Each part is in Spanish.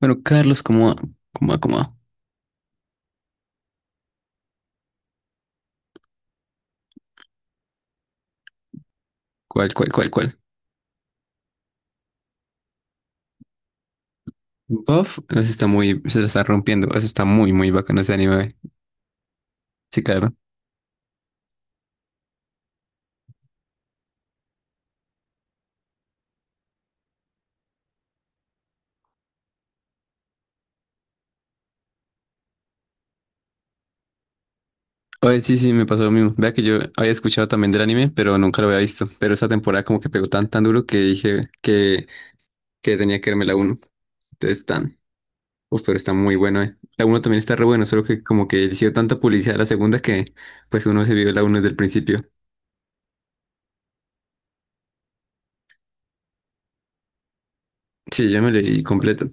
Bueno, Carlos, como, como, ¿cuál? Buff, se está se la está rompiendo, o sea, está muy, muy bacano ese anime. Sí, claro. Oye, sí, sí, me pasó lo mismo. Vea que yo había escuchado también del anime, pero nunca lo había visto. Pero esa temporada como que pegó tan duro que dije que tenía que verme la uno. Entonces, tan, uf, pero está muy bueno, eh. La uno también está re bueno, solo que como que le hicieron tanta publicidad a la segunda que pues uno se vio la uno desde el principio. Sí, yo me leí completo.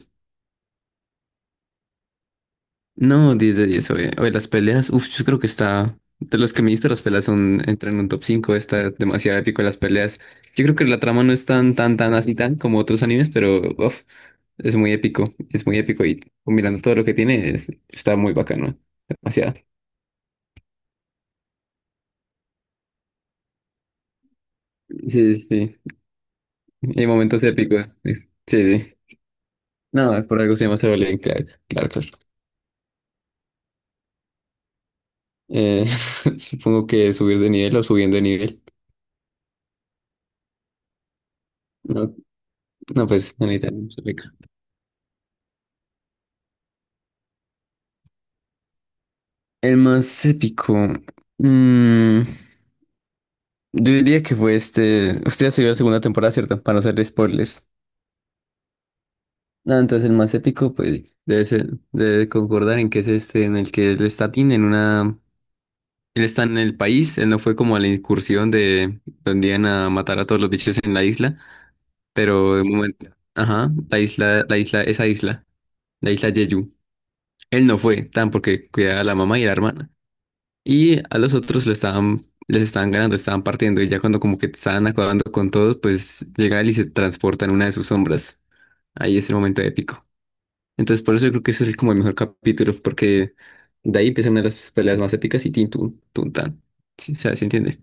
No, 10 de 10, oye. Oye, las peleas, uf, yo creo que está. De los que me diste, las peleas son, entran en un top 5. Está demasiado épico las peleas. Yo creo que la trama no es tan así, tan como otros animes, pero uff, es muy épico y, combinando todo lo que tiene, está muy bacano. Demasiado. Sí, sí, sí. Hay momentos épicos. Sí, sí. No, es por algo se llama Solo Leveling, claro, claro, claro. Eh, supongo que subir de nivel o subiendo de nivel. No, no, pues, no necesitan. El más épico. mm, yo diría que fue este. Usted ya se vio la segunda temporada, ¿cierto? Para no hacer spoilers. Ah, entonces el más épico, pues, debe concordar en que es este, en el que él está Tin en una. Él está en el país, él no fue como a la incursión de donde iban a matar a todos los bichos en la isla, pero de momento. Ajá, esa isla, la isla Jeju. Él no fue, tan porque cuidaba a la mamá y a la hermana. Y a los otros les estaban ganando, estaban partiendo. Y ya cuando como que estaban acabando con todos, pues llega él y se transporta en una de sus sombras. Ahí es el momento épico. Entonces por eso yo creo que ese es como el mejor capítulo, porque de ahí empiezan una de las peleas más épicas y tin, tun, tun, tan. Sí, o sea, ¿sí entiende?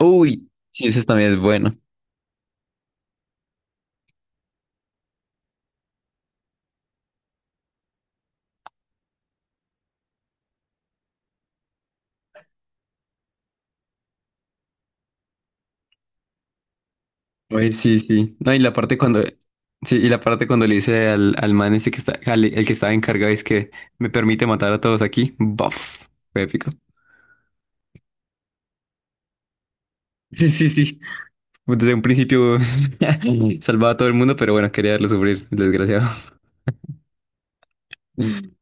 Uy, sí, eso también es bueno. Uy, sí, sí. No, y la parte cuando... Sí, y la parte cuando le dice al man ese que está, el que estaba encargado, es que me permite matar a todos aquí. Buff. Fue épico. Sí, sí, sí. Pues, desde un principio salvaba a todo el mundo, pero bueno, quería verlo sufrir, el desgraciado.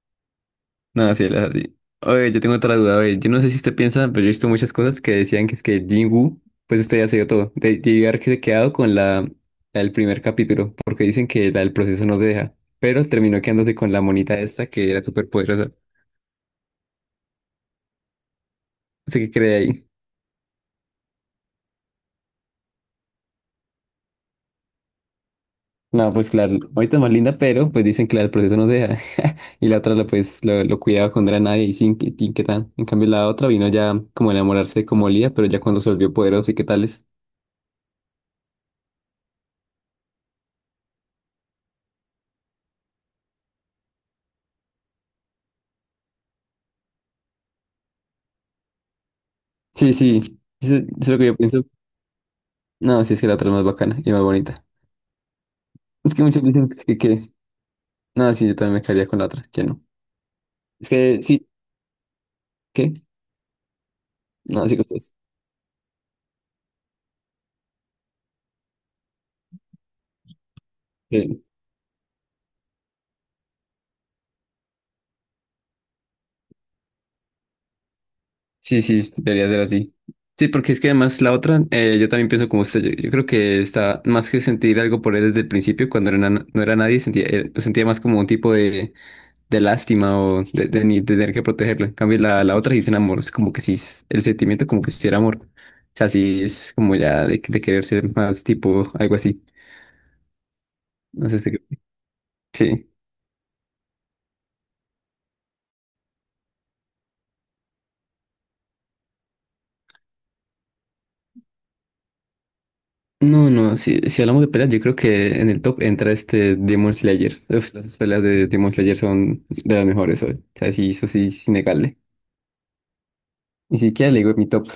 No, así es así. Oye, yo tengo otra duda, oye, yo no sé si usted piensa, pero yo he visto muchas cosas que decían que es que Jinwoo, pues usted ya se dio todo. De haber que se quedado con la del primer capítulo, porque dicen que la del proceso no se deja, pero terminó quedándose con la monita esta que era súper poderosa. Así que cree ahí. No, pues claro, ahorita es más linda, pero pues dicen que la del proceso no se deja. Y la otra lo cuidaba cuando era nadie y sin que tin, qué tal. En cambio, la otra vino ya como a enamorarse de como Lía, pero ya cuando se volvió poderosa y qué tales. Sí, sí, eso es lo que yo pienso. No, sí, es que la otra es más bacana y más bonita. Es que muchos dicen no, sí, yo también me caería con la otra, que no. Es que sí, ¿qué? No, sí, que ustedes. Sí, sí, debería ser así. Sí, porque es que además la otra, yo también pienso como usted. Yo creo que está más que sentir algo por él desde el principio, cuando no era nadie, sentía, pues sentía más como un tipo de lástima o de, de tener que protegerlo. En cambio, la otra dicen amor, es como que si el sentimiento como que si era amor. O sea, sí es como ya de querer ser más tipo algo así. No sé, sí. No, no, si hablamos de peleas, yo creo que en el top entra este Demon Slayer. Uf, las peleas de Demon Slayer son de las mejores hoy. O sea, sí, eso sí es innegable. Ni siquiera le digo mi top.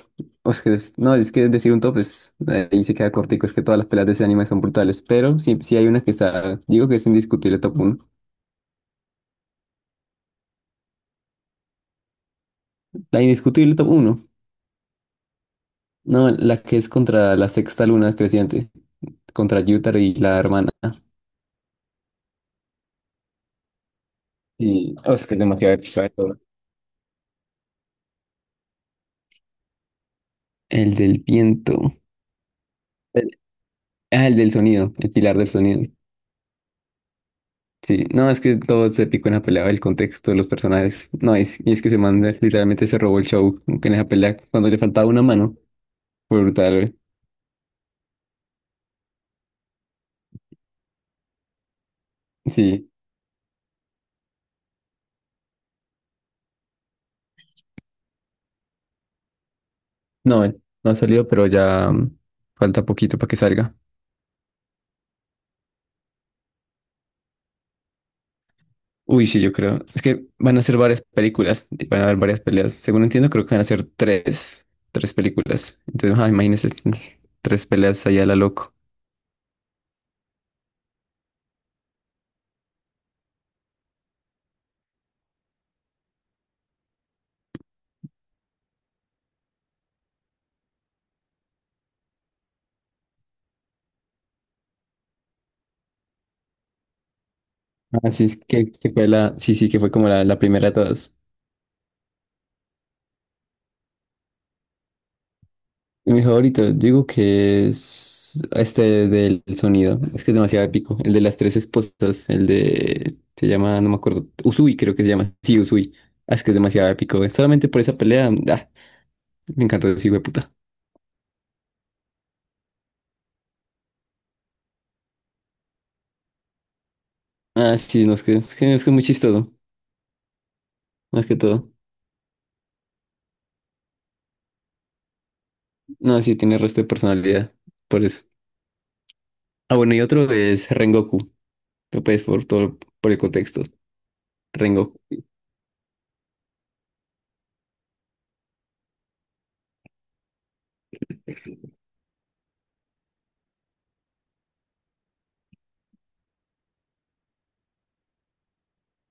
O sea, no, es que decir un top es, ahí se queda cortico, es que todas las peleas de ese anime son brutales, pero sí, sí hay una que está, digo que es indiscutible top uno. La indiscutible top 1. No, la que es contra la sexta luna creciente, contra Yutar y la hermana. Sí, oh, es que es demasiado épica de todo. El del viento. El- ah, el del sonido, el pilar del sonido. Sí, no, es que todo se picó en la pelea, el contexto, los personajes. No, es, y es que se manda, literalmente se robó el show como en esa pelea cuando le faltaba una mano. Fue brutal. Sí, no, no ha salido, pero ya falta poquito para que salga. Uy, sí, yo creo. Es que van a ser varias películas, y van a haber varias peleas. Según entiendo, creo que van a ser tres películas. Entonces, ah, imagínense, tres peleas allá a la loco. Ah, sí, es que, sí, sí, que fue como la primera de todas. Y mi favorito, yo digo que es este del sonido. Es que es demasiado épico. El de las tres esposas, el de, se llama, no me acuerdo, Usui creo que se llama. Sí, Usui. Ah, es que es demasiado épico. Solamente por esa pelea, ah, me encantó ese hijo de puta. Ah, sí, no, es que es muy chistoso, más que todo. No, sí tiene resto de personalidad, por eso. Ah, bueno, y otro es Rengoku, que pues por todo, por el contexto, Rengoku.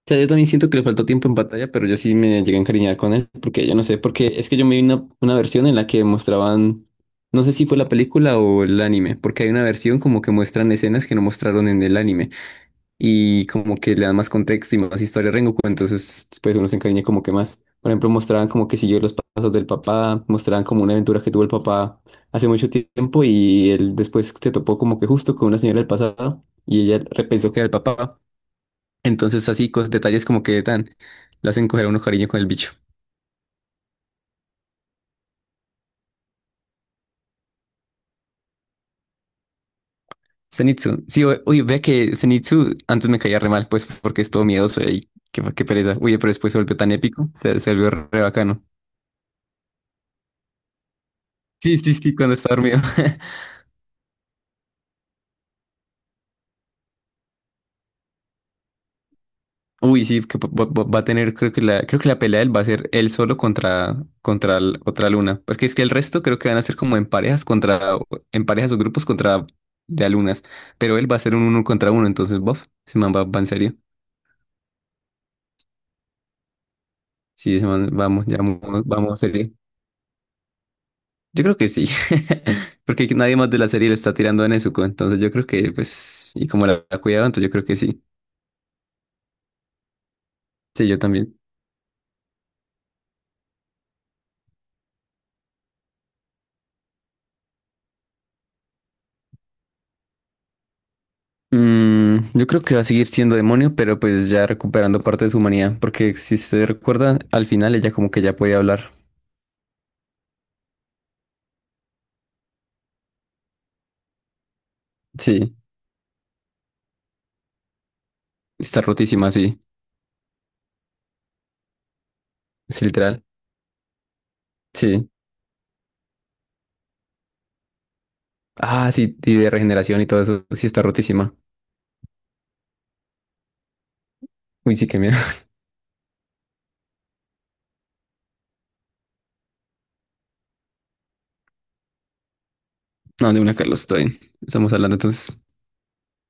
O sea, yo también siento que le faltó tiempo en batalla, pero yo sí me llegué a encariñar con él, porque yo no sé, porque es que yo me vi una versión en la que mostraban, no sé si fue la película o el anime, porque hay una versión como que muestran escenas que no mostraron en el anime, y como que le dan más contexto y más historia a Rengoku, entonces pues uno se encariña como que más. Por ejemplo, mostraban como que siguió los pasos del papá, mostraban como una aventura que tuvo el papá hace mucho tiempo y él después se topó como que justo con una señora del pasado y ella repensó que era el papá. Entonces así, detalles como que tan, lo hacen coger a uno cariño con el bicho. Zenitsu, sí, uy, vea que Zenitsu antes me caía re mal, pues porque es todo miedoso y qué, qué pereza. Uy, pero después se volvió tan épico, se volvió re bacano. Sí, sí, sí, cuando está dormido. Uy, sí, que va, va a tener, creo que la pelea de él va a ser él solo contra, contra otra luna. Porque es que el resto creo que van a ser como en parejas contra, en parejas o grupos contra de alunas. Pero él va a ser un uno contra uno, entonces, bof, ese man va, va en serio. Sí, ese man, vamos, ya vamos, vamos serio. Yo creo que sí. Porque nadie más de la serie le está tirando a Nezuko, entonces yo creo que, pues, y como la cuidado, entonces yo creo que sí. Sí, yo también. Mm, yo creo que va a seguir siendo demonio, pero pues ya recuperando parte de su humanidad, porque si se recuerda, al final ella como que ya puede hablar. Sí, está rotísima, sí, es literal. Sí. Ah, sí, y de regeneración y todo eso, sí está rotísima. Uy, sí, que miedo. No, de una, Carlos, estoy. Estamos hablando entonces.